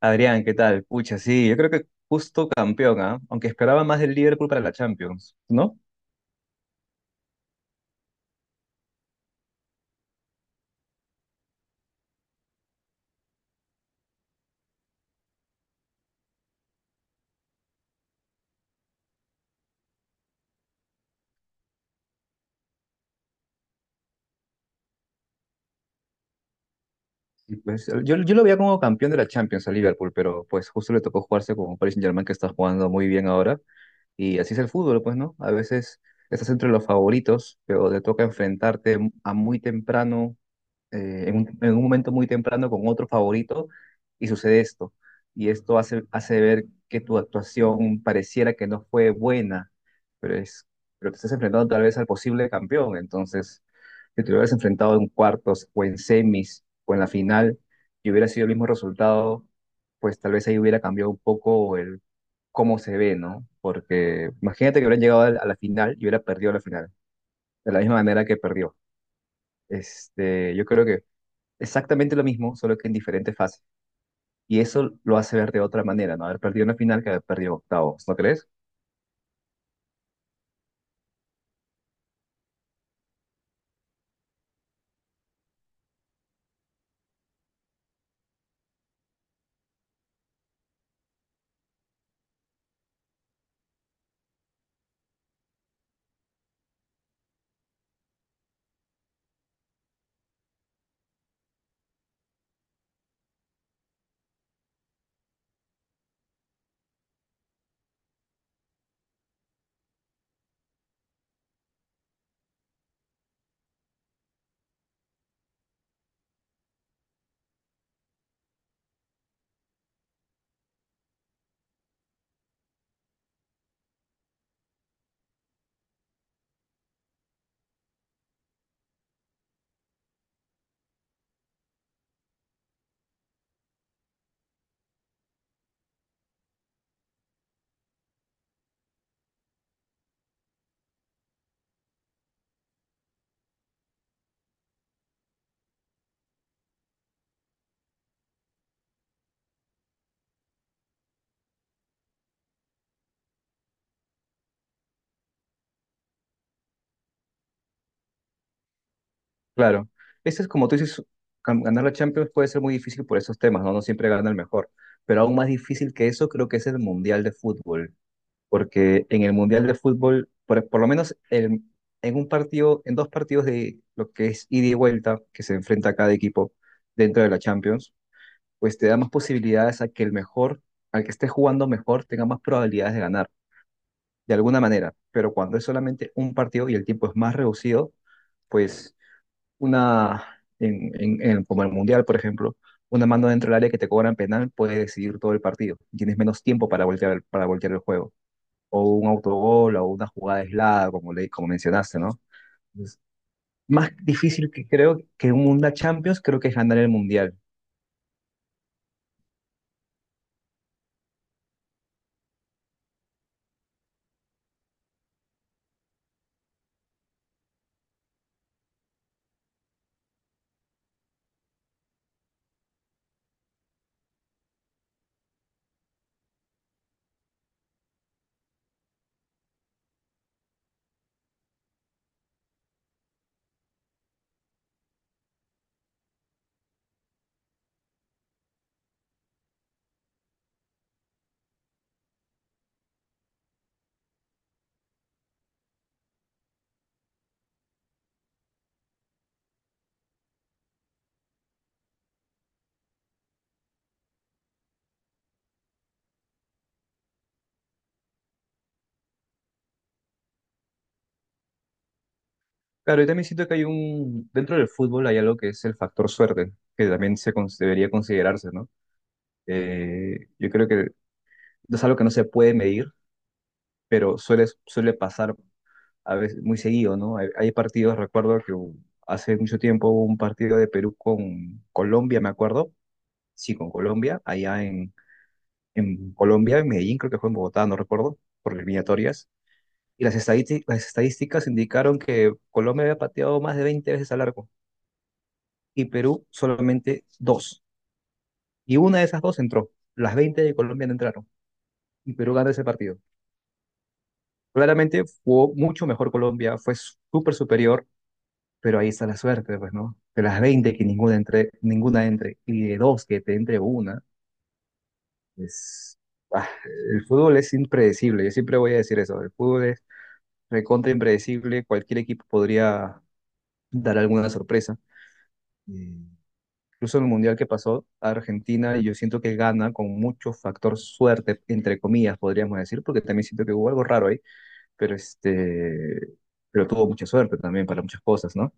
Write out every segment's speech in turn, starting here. Adrián, ¿qué tal? Pucha, sí, yo creo que justo campeón, ¿ah? Aunque esperaba más del Liverpool para la Champions, ¿no? Y pues, yo lo veía como campeón de la Champions al Liverpool, pero pues justo le tocó jugarse con un Paris Saint-Germain que está jugando muy bien ahora. Y así es el fútbol, pues, ¿no? A veces estás entre los favoritos, pero te toca enfrentarte a muy temprano en un momento muy temprano con otro favorito y sucede esto. Y esto hace ver que tu actuación pareciera que no fue buena, pero, es, pero te estás enfrentando tal vez al posible campeón. Entonces, si te hubieras enfrentado en cuartos o en semis o en la final y hubiera sido el mismo resultado, pues tal vez ahí hubiera cambiado un poco el cómo se ve, ¿no? Porque imagínate que hubiera llegado a la final y hubiera perdido la final, de la misma manera que perdió. Yo creo que exactamente lo mismo, solo que en diferentes fases. Y eso lo hace ver de otra manera, ¿no? Haber perdido una final que haber perdido octavos, ¿no crees? Claro. Eso es como tú dices, ganar la Champions puede ser muy difícil por esos temas, ¿no? No siempre gana el mejor. Pero aún más difícil que eso creo que es el Mundial de Fútbol, porque en el Mundial de Fútbol, por lo menos en un partido, en dos partidos de lo que es ida y vuelta, que se enfrenta a cada equipo dentro de la Champions, pues te da más posibilidades a que el mejor, al que esté jugando mejor, tenga más probabilidades de ganar. De alguna manera, pero cuando es solamente un partido y el tiempo es más reducido, pues una, en- como el Mundial, por ejemplo, una mano dentro del área que te cobran penal puede decidir todo el partido. Tienes menos tiempo para voltear, para voltear el juego. O un autogol o una jugada aislada, como mencionaste, ¿no? Entonces, más difícil que creo que un Mundial Champions, creo que es ganar el Mundial. Claro, yo también siento que dentro del fútbol hay algo que es el factor suerte, que también debería considerarse, ¿no? Yo creo que es algo que no se puede medir, pero suele pasar a veces muy seguido, ¿no? Hay partidos, recuerdo que hace mucho tiempo hubo un partido de Perú con Colombia, me acuerdo, sí, con Colombia, allá en Colombia, en Medellín, creo que fue en Bogotá, no recuerdo, por eliminatorias, y las estadísticas indicaron que Colombia había pateado más de 20 veces al arco y Perú solamente dos, y una de esas dos entró, las 20 de Colombia no entraron, y Perú ganó ese partido. Claramente jugó mucho mejor Colombia, fue súper superior, pero ahí está la suerte, pues, ¿no? De las 20 que ninguna entre, y de dos que te entre una, es... ah, el fútbol es impredecible, yo siempre voy a decir eso, el fútbol es recontra impredecible, cualquier equipo podría dar alguna sorpresa. Y incluso en el Mundial que pasó, Argentina, yo siento que gana con mucho factor suerte, entre comillas, podríamos decir, porque también siento que hubo algo raro ahí, pero este, pero tuvo mucha suerte también para muchas cosas, ¿no?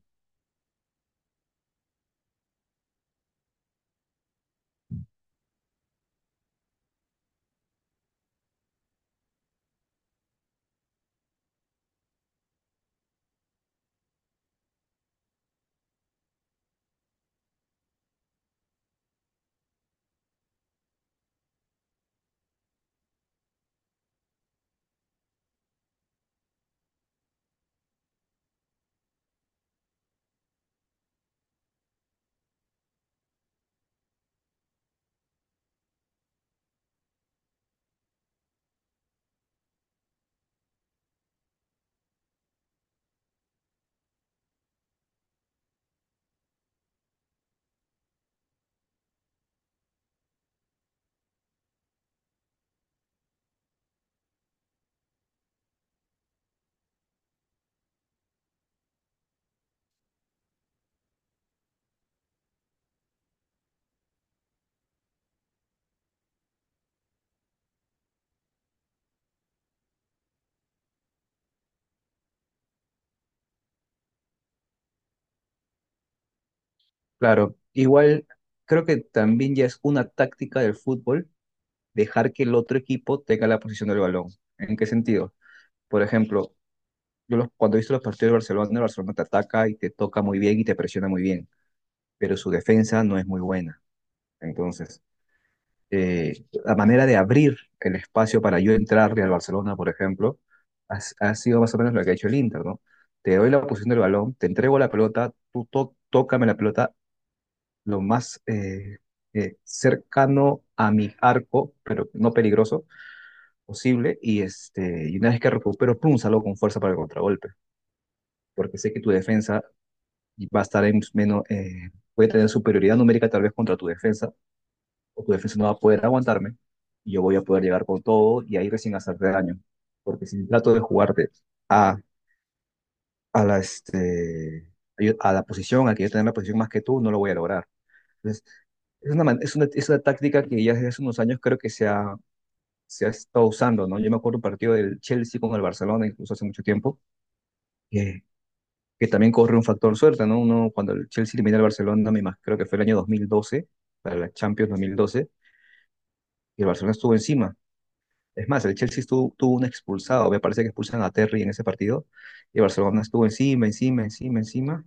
Claro, igual creo que también ya es una táctica del fútbol dejar que el otro equipo tenga la posición del balón. ¿En qué sentido? Por ejemplo, cuando he visto los partidos de Barcelona, el Barcelona te ataca y te toca muy bien y te presiona muy bien, pero su defensa no es muy buena. Entonces, la manera de abrir el espacio para yo entrarle al Barcelona, por ejemplo, ha sido más o menos lo que ha hecho el Inter, ¿no? Te doy la posición del balón, te entrego la pelota, tú tócame la pelota lo más cercano a mi arco, pero no peligroso, posible, y una vez que recupero, pum, salgo con fuerza para el contragolpe, porque sé que tu defensa va a estar en menos, puede tener superioridad numérica tal vez contra tu defensa, o tu defensa no va a poder aguantarme y yo voy a poder llegar con todo y ahí recién hacerte daño. Porque si trato de jugarte a, a, la, este, a la posición, a que yo tenga la posición más que tú, no lo voy a lograr. Entonces, es una, man- es una táctica que ya desde hace unos años creo que se ha estado usando, ¿no? Yo me acuerdo un partido del Chelsea con el Barcelona, incluso hace mucho tiempo, que, que también corre un factor suerte, ¿no? Uno, cuando el Chelsea elimina al Barcelona, creo que fue el año 2012, para la Champions 2012, y el Barcelona estuvo encima. Es más, el Chelsea tuvo un expulsado. Me parece que expulsan a Terry en ese partido. Y Barcelona estuvo encima, encima, encima, encima.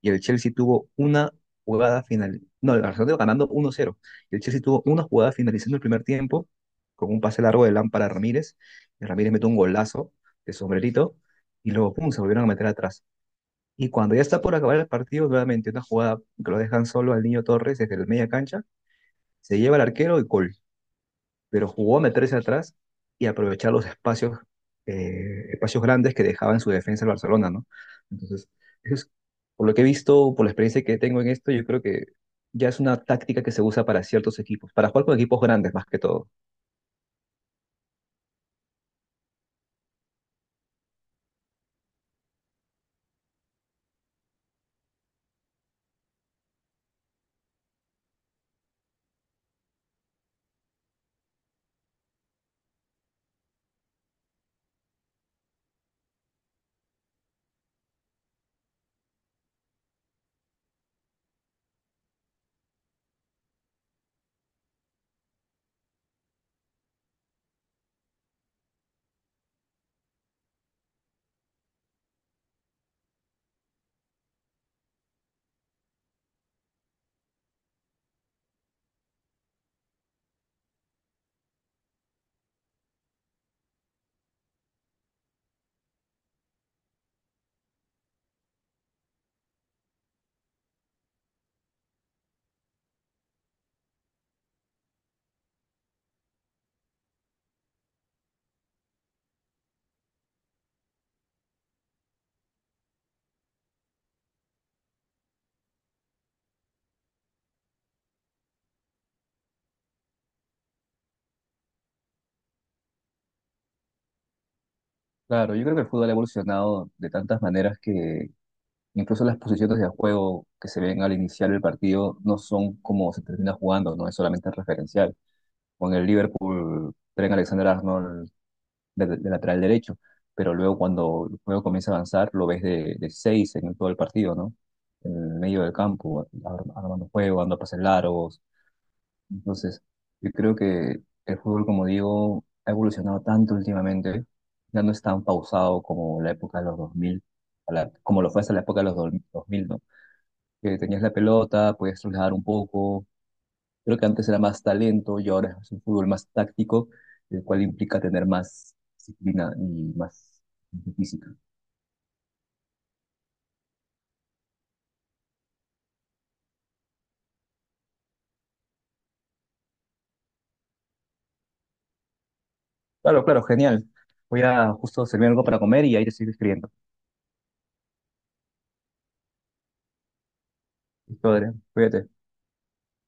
Y el Chelsea tuvo una jugada final. No, el Barcelona iba ganando 1-0. Y el Chelsea tuvo una jugada finalizando el primer tiempo con un pase largo de Lampard a Ramírez. Y Ramírez metió un golazo de sombrerito. Y luego, pum, se volvieron a meter atrás. Y cuando ya está por acabar el partido, nuevamente una jugada que lo dejan solo al niño Torres desde la media cancha. Se lleva al arquero y gol, pero jugó a meterse atrás y aprovechar los espacios, espacios grandes que dejaba en su defensa el Barcelona, ¿no? Entonces, eso es, por lo que he visto, por la experiencia que tengo en esto, yo creo que ya es una táctica que se usa para ciertos equipos, para jugar con equipos grandes más que todo. Claro, yo creo que el fútbol ha evolucionado de tantas maneras que incluso las posiciones de juego que se ven al iniciar el partido no son como se termina jugando, no es solamente referencial. Con el Liverpool, Trent Alexander-Arnold de lateral derecho, pero luego cuando el juego comienza a avanzar lo ves de seis en todo el partido, ¿no? En el medio del campo, armando juego, dando pases largos. Entonces, yo creo que el fútbol, como digo, ha evolucionado tanto últimamente, ya no es tan pausado como la época de los 2000, como lo fue hasta la época de los 2000, ¿no? Que tenías la pelota, podías trasladar un poco. Creo que antes era más talento y ahora es un fútbol más táctico, el cual implica tener más disciplina y más física. Claro, claro, genial. Voy a justo servir algo para comer y ahí te sigo escribiendo. Listo, Adrián, cuídate.